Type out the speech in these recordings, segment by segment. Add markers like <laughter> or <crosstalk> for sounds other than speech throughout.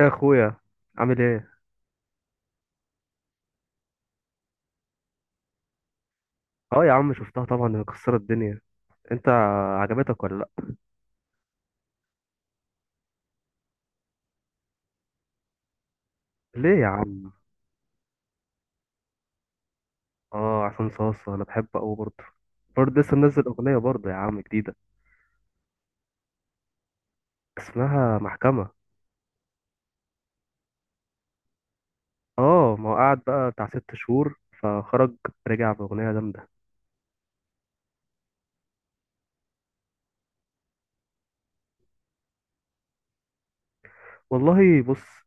ايه يا اخويا، عامل ايه؟ اه يا عم، شفتها طبعا. هي مكسره الدنيا. انت، عجبتك ولا لا؟ ليه يا عم؟ اه، عصام صاصا انا بحبه قوي برضه. برضه لسه منزل اغنيه برضه يا عم جديده. اسمها محكمه. اه، ما هو قعد بقى بتاع 6 شهور فخرج. رجع باغنيه جامده. والله بص،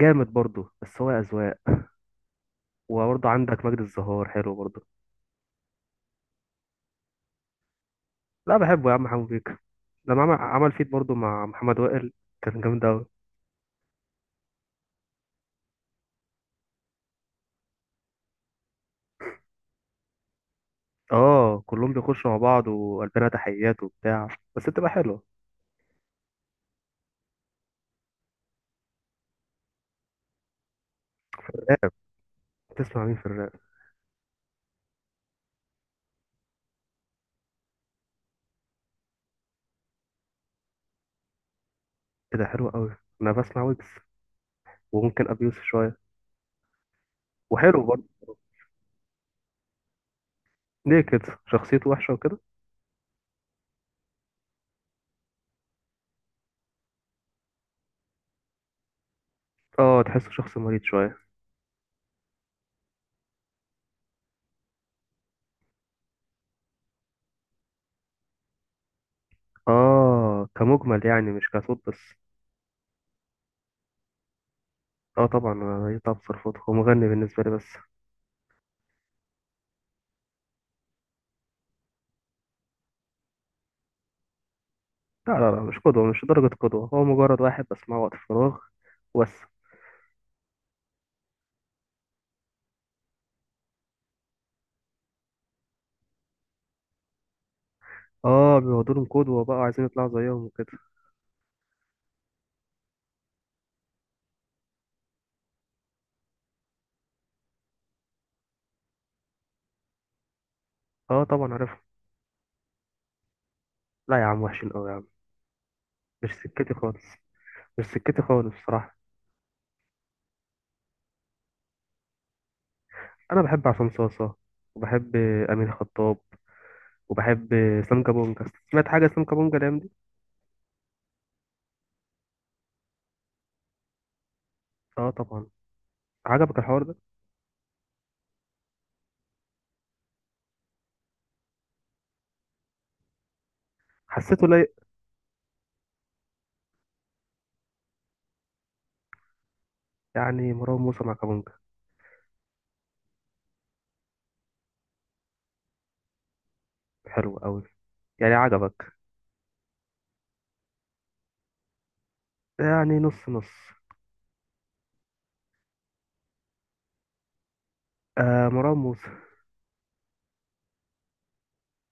جامد برضه، بس هو اذواق. وبرضه عندك مجد الزهار حلو برضه. لا، بحبه يا عم حمو بيك. لما عمل فيت برضه مع محمد وائل كان جامد قوي. اه، كلهم بيخشوا مع بعض وقلبنا تحيات وبتاع، بس بتبقى حلوة. راب؟ بتسمع مين في الراب؟ ايه ده، حلو قوي. انا بسمع ويجز، وممكن ابي يوسف شوية. وحلو برضه. ليه كده؟ شخصيته وحشة وكده. اه، تحسه شخص مريض شوية. اه، كمجمل يعني، مش كصوت بس. اه طبعا، أنا يطلع بصرفته هو مغني بالنسبة لي بس. لا، لا، لا، مش قدوة، مش درجة قدوة. هو مجرد واحد بسمعه وقت الفراغ وبس. اه، بيقعدوا لهم قدوة بقى وعايزين يطلعوا زيهم وكده. اه طبعا، عارفهم. لا يا عم، وحشين قوي يا عم. مش سكتي خالص، مش سكتي خالص بصراحة. أنا بحب عصام صاصة، وبحب أمين خطاب، وبحب سام كابونجا. سمعت حاجة سام كابونجا الأيام دي؟ آه طبعا. عجبك الحوار ده؟ حسيته لايق. يعني مروان موسى مع كابونجا. حلو أوي. يعني عجبك. يعني نص نص. آه، مروان موسى.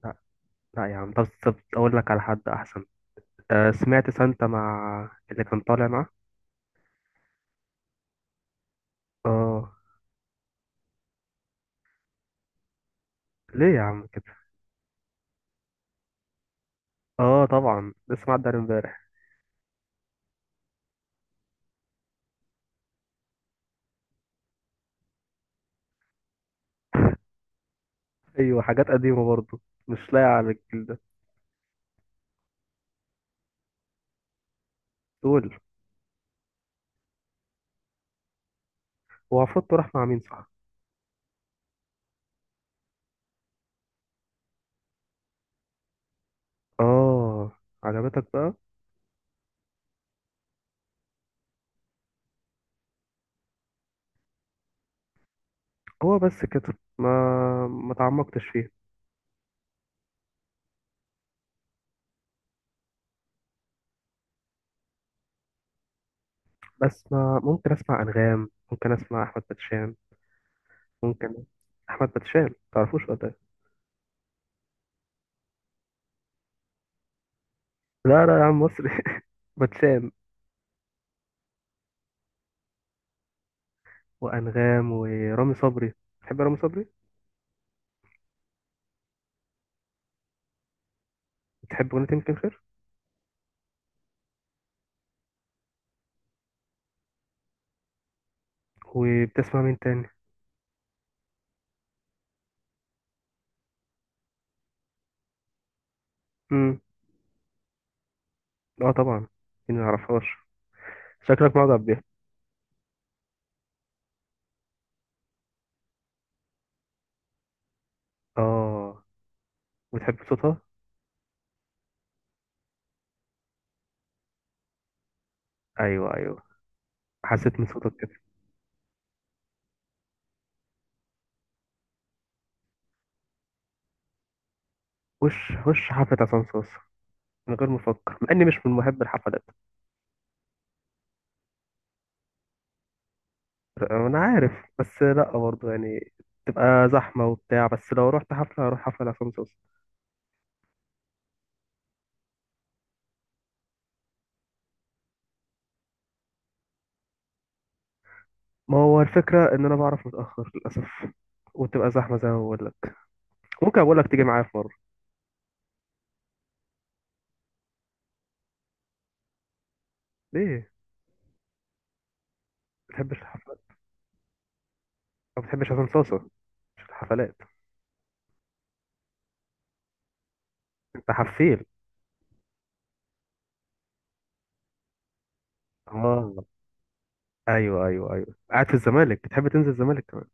لا، لا يا عم. طب أقول لك على حد أحسن. آه، سمعت سانتا مع اللي كان طالع معاه؟ آه. ليه يا عم كده؟ آه طبعا، لسه معدي عليه امبارح. أيوه، حاجات قديمة برضه، مش لايقة على الجيل ده. قول. هو عفروتو راح مع مين، صح؟ اه، عجبتك بقى. هو بس كده، ما تعمقتش فيه. بس ما، ممكن اسمع انغام، ممكن اسمع احمد باتشان، ممكن. احمد باتشان، تعرفوش ولا إيه؟ لا، لا يا عم، مصري. <laughs> باتشان. وانغام ورامي صبري. بتحب رامي صبري؟ بتحب اغنية يمكن خير. وبتسمع مين تاني؟ امم. اه طبعا. مين ما يعرفهاش؟ شكلك معجب بيها. اه، وتحب صوتها. ايوه، ايوه، حسيت من صوتك كده. وش حفلة عصام صوص، من غير ما افكر، مع اني مش من محب الحفلات. انا عارف. بس لا برضه يعني، تبقى زحمه وبتاع، بس لو رحت حفله هروح حفله لعصام صوصه. ما هو الفكره ان انا بعرف متاخر للاسف. وتبقى زحمه زي ما بقول لك. ممكن اقول لك تيجي معايا في مره. ليه ما بتحبش الحفلات؟ ما بتحبش عصام صوصه، مش الحفلات. انت حفيل. اه، ايوه، ايوه، ايوه، قاعد في الزمالك. بتحب تنزل الزمالك كمان.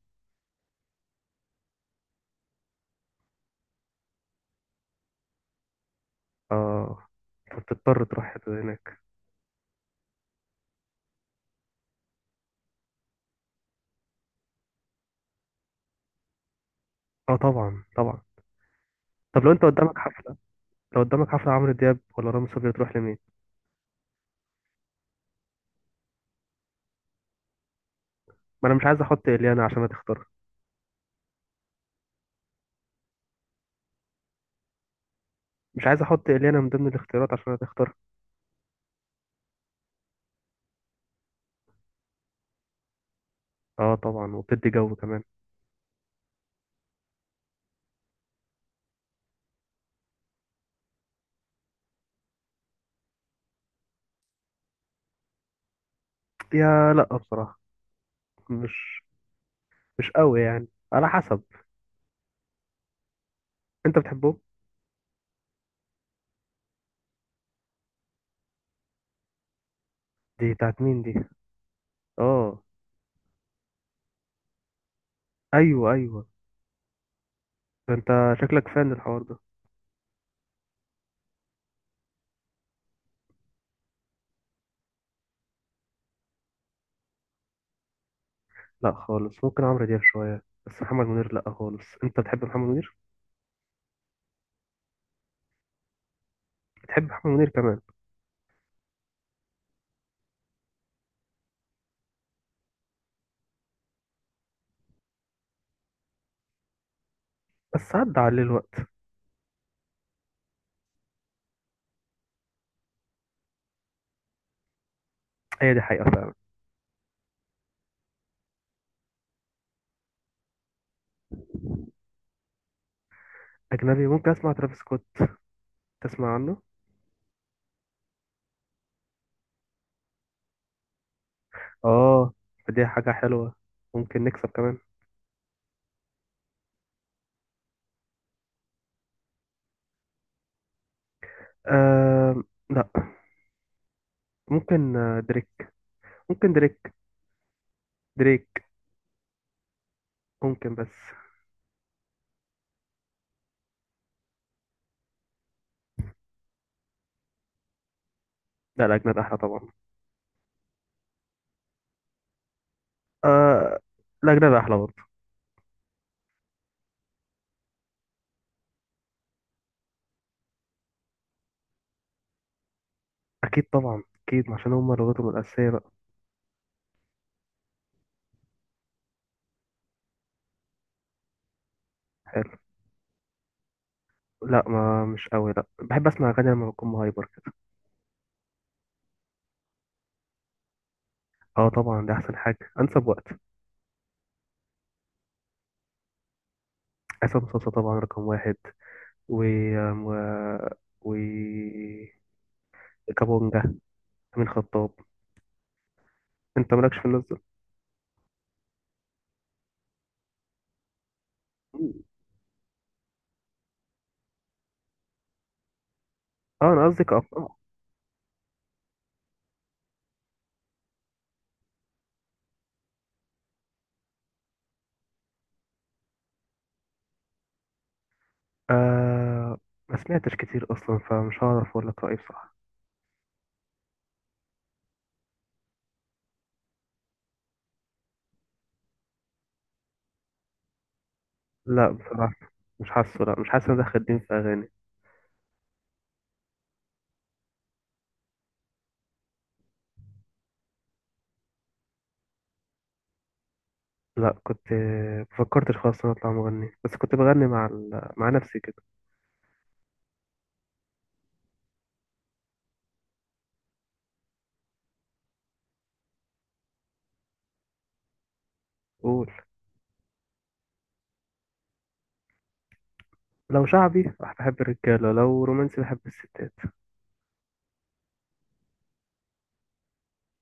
اه، فبتضطر تروح هناك. اه طبعا، طبعا. طب لو قدامك حفله عمرو دياب ولا رامي صبري تروح لمين؟ ما انا مش عايز احط اليانا عشان هتختارها. مش عايز احط اليانا من ضمن الاختيارات عشان هتختارها. اه طبعا، وبتدي جو كمان. يا لا بصراحه، مش مش قوي يعني، على حسب. انت بتحبهم؟ دي بتاعت مين دي؟ اه، ايوه، ايوه. ده انت شكلك فان الحوار ده. لا خالص، ممكن عمرو دياب شويه، بس محمد منير لا خالص. انت بتحب محمد منير؟ بتحب محمد منير كمان. بس عدى عليه الوقت. هي دي حقيقه فعلا. اجنبي ممكن اسمع ترافيس سكوت. تسمع عنه؟ اه، فدي حاجه حلوه، ممكن نكسب كمان. آه، لا، ممكن دريك. ممكن دريك، دريك ممكن بس. لا، الأجناد أحلى طبعا. آه، الأجناد أحلى برضه. أكيد طبعا، أكيد عشان هما لغتهم الأساسية بقى. حلو. لا، ما مش قوي. لا، بحب أسمع أغاني لما بكون مهايبر كده. أه طبعا، ده أحسن حاجة، أنسب وقت. عصام صاصا طبعا رقم واحد، و آم، و, و كابونجا أمين خطاب. أنت مالكش في الناس دول؟ أه، أنا قصدي كأبطال. آه، ما سمعتش كتير أصلا، فمش هعرف أقول لك رأيي بصراحة. لا بصراحة، مش حاسه لا مش حاسس إن أنا دخل دين في أغاني. لا، كنت مفكرتش خالص إن أنا أطلع مغني. بس كنت بغني مع نفسي كده. قول. لو شعبي بحب الرجالة، لو رومانسي بحب الستات.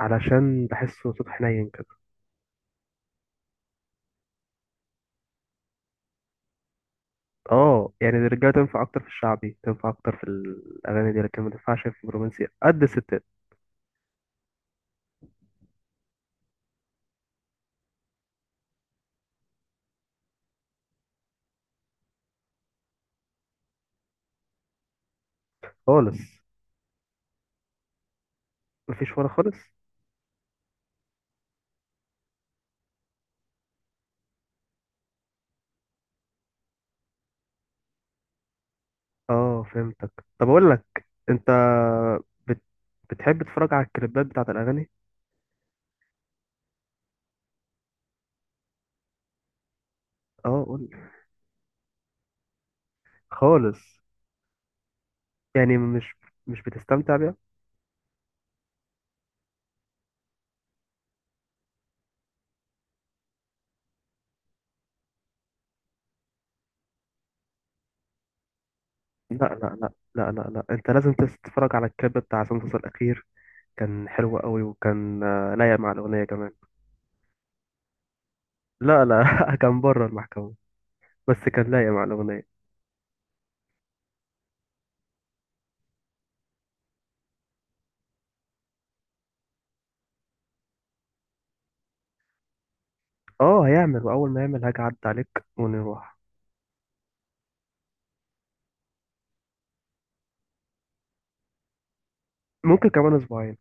علشان بحسه صوت حنين كده. اه يعني، الرجالة تنفع أكتر في الشعبي، تنفع أكتر في الأغاني دي، لكن ما تنفعش في الرومانسي قد الستات. خالص. مفيش ولا خالص. اه فهمتك. طب أقول لك. أنت بت... بتحب تتفرج على الكليبات بتاعت الأغاني؟ اه قول لي. خالص. يعني مش بتستمتع بيها؟ لا، لا، لا، لا، لا، لا، انت لازم تتفرج على الكليب بتاع سانتوس الاخير. كان حلو قوي، وكان لايق مع الاغنيه كمان. لا، لا <laughs> كان بره المحكمه. بس كان لايق مع الاغنيه. اه، هيعمل. واول ما يعمل هاجي اعدي عليك ونروح. ممكن كمان اسبوعين.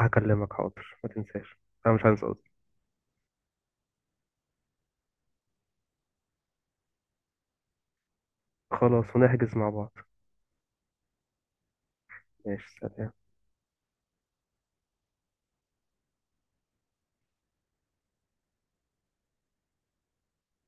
هكلمك حاضر، ما تنساش. انا مش هنسى قصدي. خلاص، ونحجز مع بعض. ماشي، سلام.